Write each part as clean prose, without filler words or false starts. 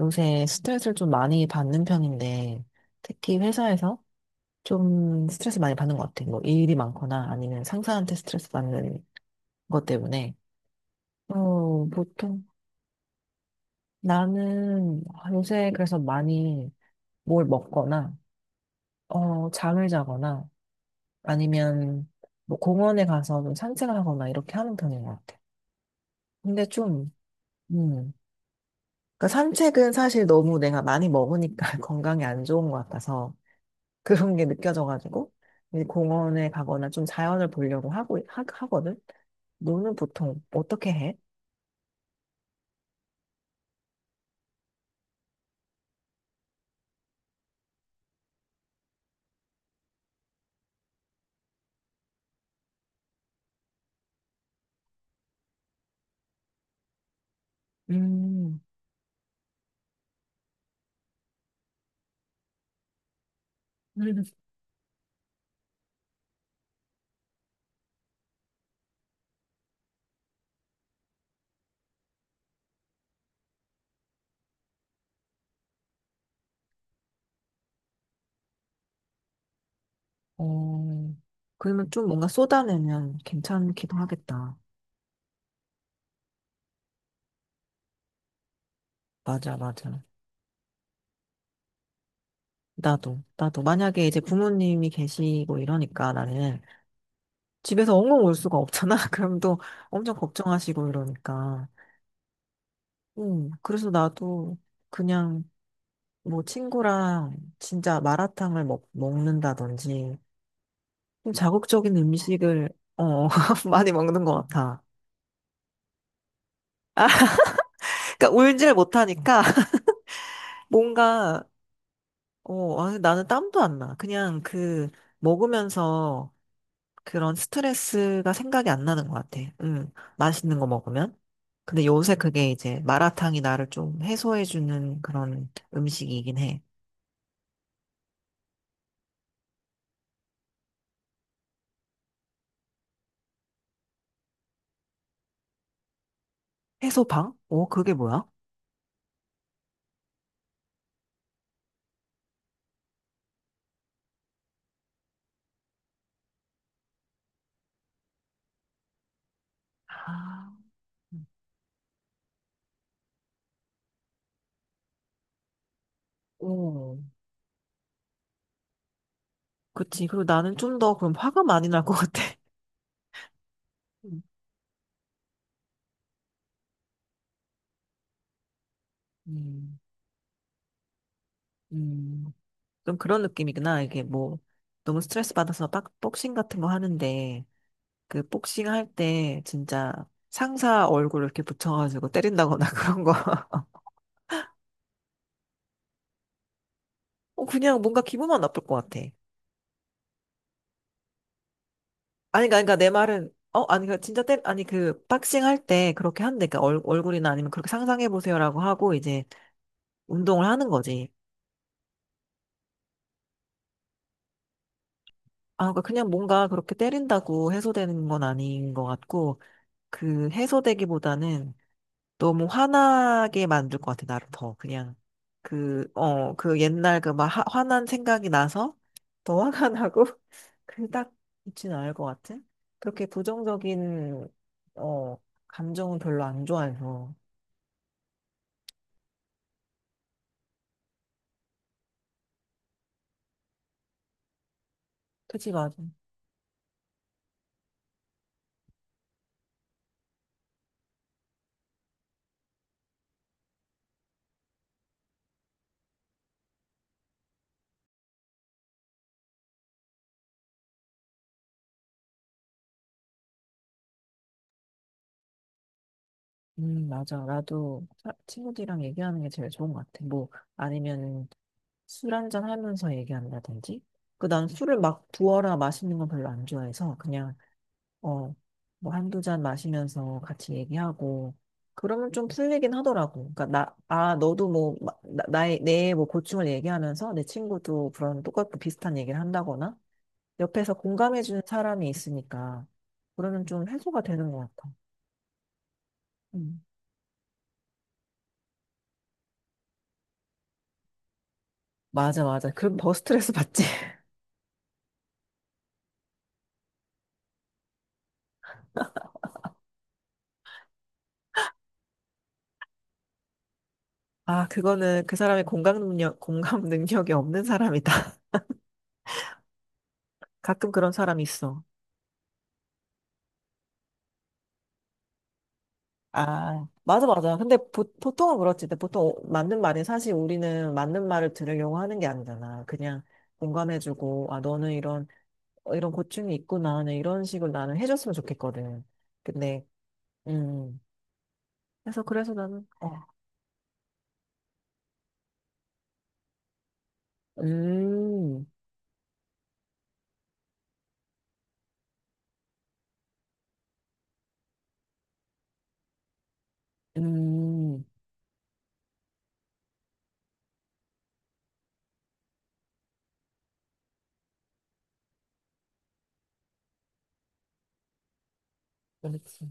요새 스트레스를 좀 많이 받는 편인데, 특히 회사에서 좀 스트레스 많이 받는 것 같아요. 뭐 일이 많거나 아니면 상사한테 스트레스 받는 것 때문에. 보통 나는 요새 그래서 많이 뭘 먹거나, 잠을 자거나 아니면 뭐 공원에 가서 좀 산책을 하거나 이렇게 하는 편인 것 같아요. 근데 좀, 음. 그러니까 산책은 사실 너무 내가 많이 먹으니까 건강에 안 좋은 것 같아서 그런 게 느껴져가지고 이제 공원에 가거나 좀 자연을 보려고 하고 하거든. 너는 보통 어떻게 해? 음, 어, 그러면 좀 뭔가 쏟아내면 괜찮기도 하겠다. 맞아, 맞아. 나도, 나도. 만약에 이제 부모님이 계시고 이러니까 나는 집에서 엉엉 울 수가 없잖아. 그럼 또 엄청 걱정하시고 이러니까. 그래서 나도 그냥 뭐 친구랑 진짜 마라탕을 먹는다든지 좀 자극적인 음식을 어, 많이 먹는 것 같아. 그러니까 울질 못하니까 뭔가 어, 아니, 나는 땀도 안 나. 그냥 그 먹으면서 그런 스트레스가 생각이 안 나는 것 같아. 맛있는 거 먹으면. 근데 요새 그게 이제 마라탕이 나를 좀 해소해주는 그런 음식이긴 해. 해소방? 어, 그게 뭐야? 아, 오, 그치. 그리고 나는 좀 더 그럼 화가 많이 날 것 같아. 음, 음. 음. 좀 그런 느낌이구나. 이게 뭐, 너무 스트레스 받아서 빡, 복싱 같은 거 하는데, 그 복싱 할 때 진짜 상사 얼굴 이렇게 붙여가지고 때린다거나 그런 거. 그냥 뭔가 기분만 나쁠 것 같아. 아니, 그러니까 내 말은, 어, 아니, 그 진짜 때, 아니, 그 복싱 할 때 그렇게 한대. 그러니까 얼굴이나 아니면 그렇게 상상해보세요라고 하고 이제 운동을 하는 거지. 아, 그러니까 그냥 뭔가 그렇게 때린다고 해소되는 건 아닌 것 같고, 그 해소되기보다는 너무 화나게 만들 것 같아, 나를 더. 그냥, 그, 어, 그 옛날 그 막 화난 생각이 나서 더 화가 나고, 그닥 있는 않을 것 같아. 그렇게 부정적인, 어, 감정은 별로 안 좋아해서. 그치, 맞아. 맞아. 나도 친구들이랑 얘기하는 게 제일 좋은 것 같아. 뭐, 아니면 술 한 잔 하면서 얘기한다든지. 그 난 술을 막 부어라 마시는 건 별로 안 좋아해서 그냥 어, 뭐 한두 잔 마시면서 같이 얘기하고, 그러면 좀 풀리긴 하더라고. 그러니까 나, 아, 너도 뭐, 마- 나, 나의, 내 뭐 고충을 얘기하면서 내 친구도 그런 똑같고 비슷한 얘기를 한다거나, 옆에서 공감해주는 사람이 있으니까, 그러면 좀 해소가 되는 것 같아. 음. 맞아, 맞아. 그럼 더 스트레스 받지. 아, 그거는 그 사람의 공감 능력, 공감 능력이 없는 사람이다. 가끔 그런 사람이 있어. 아, 맞아, 맞아. 근데 보, 보통은 그렇지. 근데 보통 오- 맞는 말이 사실 우리는 맞는 말을 들으려고 하는 게 아니잖아. 그냥 공감해주고, 아, 너는 이런, 어, 이런 고충이 있구나. 나는 이런 식으로 나는 해줬으면 좋겠거든. 근데, 음. 그래서, 그래서 나는, 어, 음, 음, 그렇지.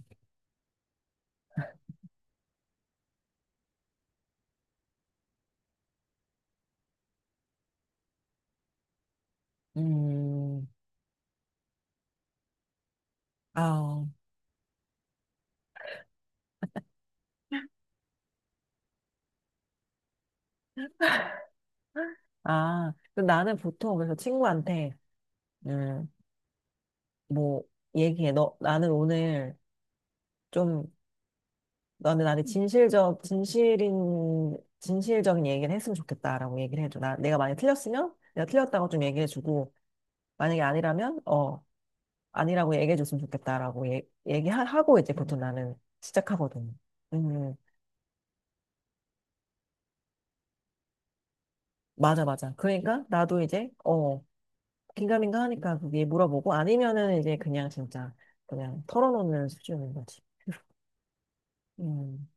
음, 아, 아. 그럼 나는 보통 그래서 친구한테, 음, 뭐, 얘기해. 너, 나는 오늘 좀 너는 나한테 진실적, 진실인, 진실적인 얘기를 했으면 좋겠다라고 얘기를 해줘. 나, 내가 만약에 틀렸으면 내가 틀렸다고 좀 얘기해주고, 만약에 아니라면, 아니라고 얘기해줬으면 좋겠다라고 얘기하고 이제 보통 나는 시작하거든. 음, 음. 맞아, 맞아. 그러니까 나도 이제, 어, 긴가민가 하니까 그게 물어보고, 아니면은 이제 그냥 진짜, 그냥 털어놓는 수준인 거지. 음,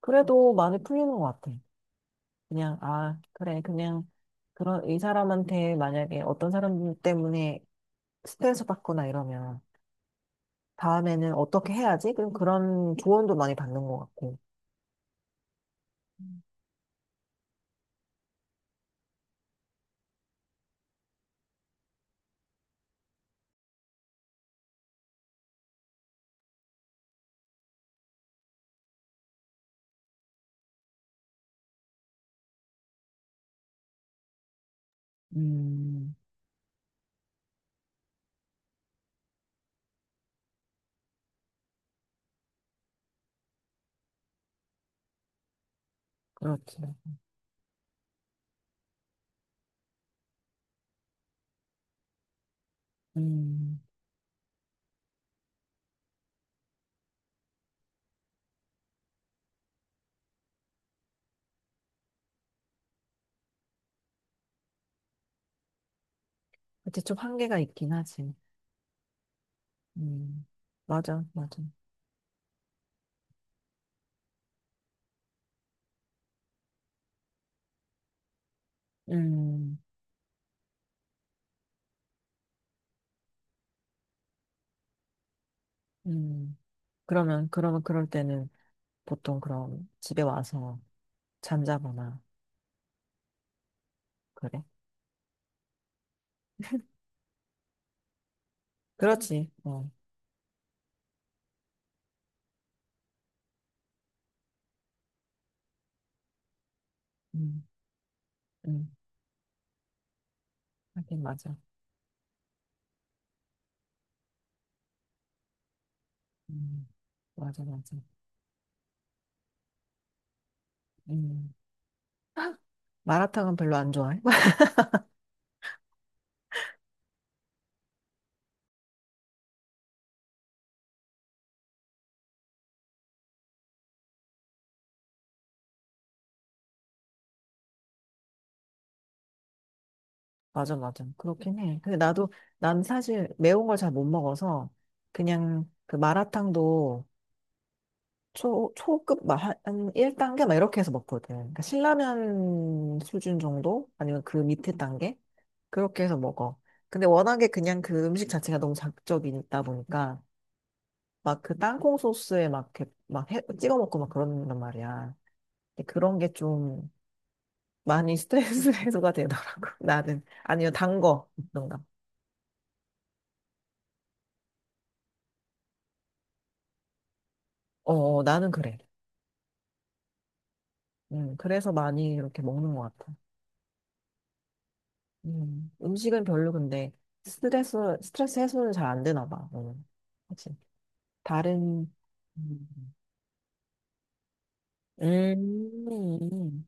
그래도 많이 풀리는 것 같아. 그냥, 아, 그래, 그냥, 그런, 이 사람한테 만약에 어떤 사람 때문에 스트레스 받거나 이러면, 다음에는 어떻게 해야지? 그럼 그런 조언도 많이 받는 것 같고. 음, 그렇지. 음. 그치, 좀 한계가 있긴 하지. 음. 맞아, 맞아. 음, 음. 그러면, 그러면 그럴 때는 보통 그럼 집에 와서 잠자거나, 그래. 그렇지. 어. 음, 음. 하긴, 맞아. 음. 맞아, 맞아. 음, 마라탕은 별로 안 좋아해? 맞아, 맞아. 그렇긴 해. 근데 나도, 난 사실 매운 걸 잘 못 먹어서, 그냥 그 마라탕도 초, 초급, 마- 한 1단계? 막 이렇게 해서 먹거든. 그러니까 신라면 수준 정도? 아니면 그 밑에 단계? 그렇게 해서 먹어. 근데 워낙에 그냥 그 음식 자체가 너무 자극적이다 보니까, 막 그 땅콩 소스에 막, 이렇게 막 찍어 먹고 막 그런단 말이야. 근데 그런 게좀 많이 스트레스 해소가 되더라고. 나는. 아니요, 단 거. 뭔가. 어, 어, 나는 그래. 그래서 많이 이렇게 먹는 것 같아. 음식은 별로 근데 스트레스, 스트레스 해소는 잘 안 되나 봐. 그치. 다른, 음, 음,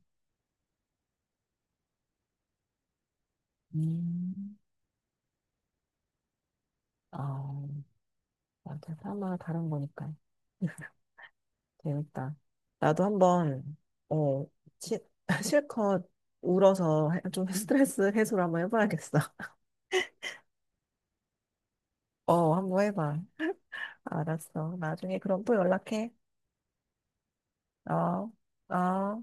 음. 아, 맞아. 사마 다른 거니까. 재밌다. 나도 한번, 어, 치, 실컷 울어서 좀 스트레스 해소를 한번 해봐야겠어. 어, 한번 해봐. 알았어. 나중에 그럼 또 연락해. 어, 어.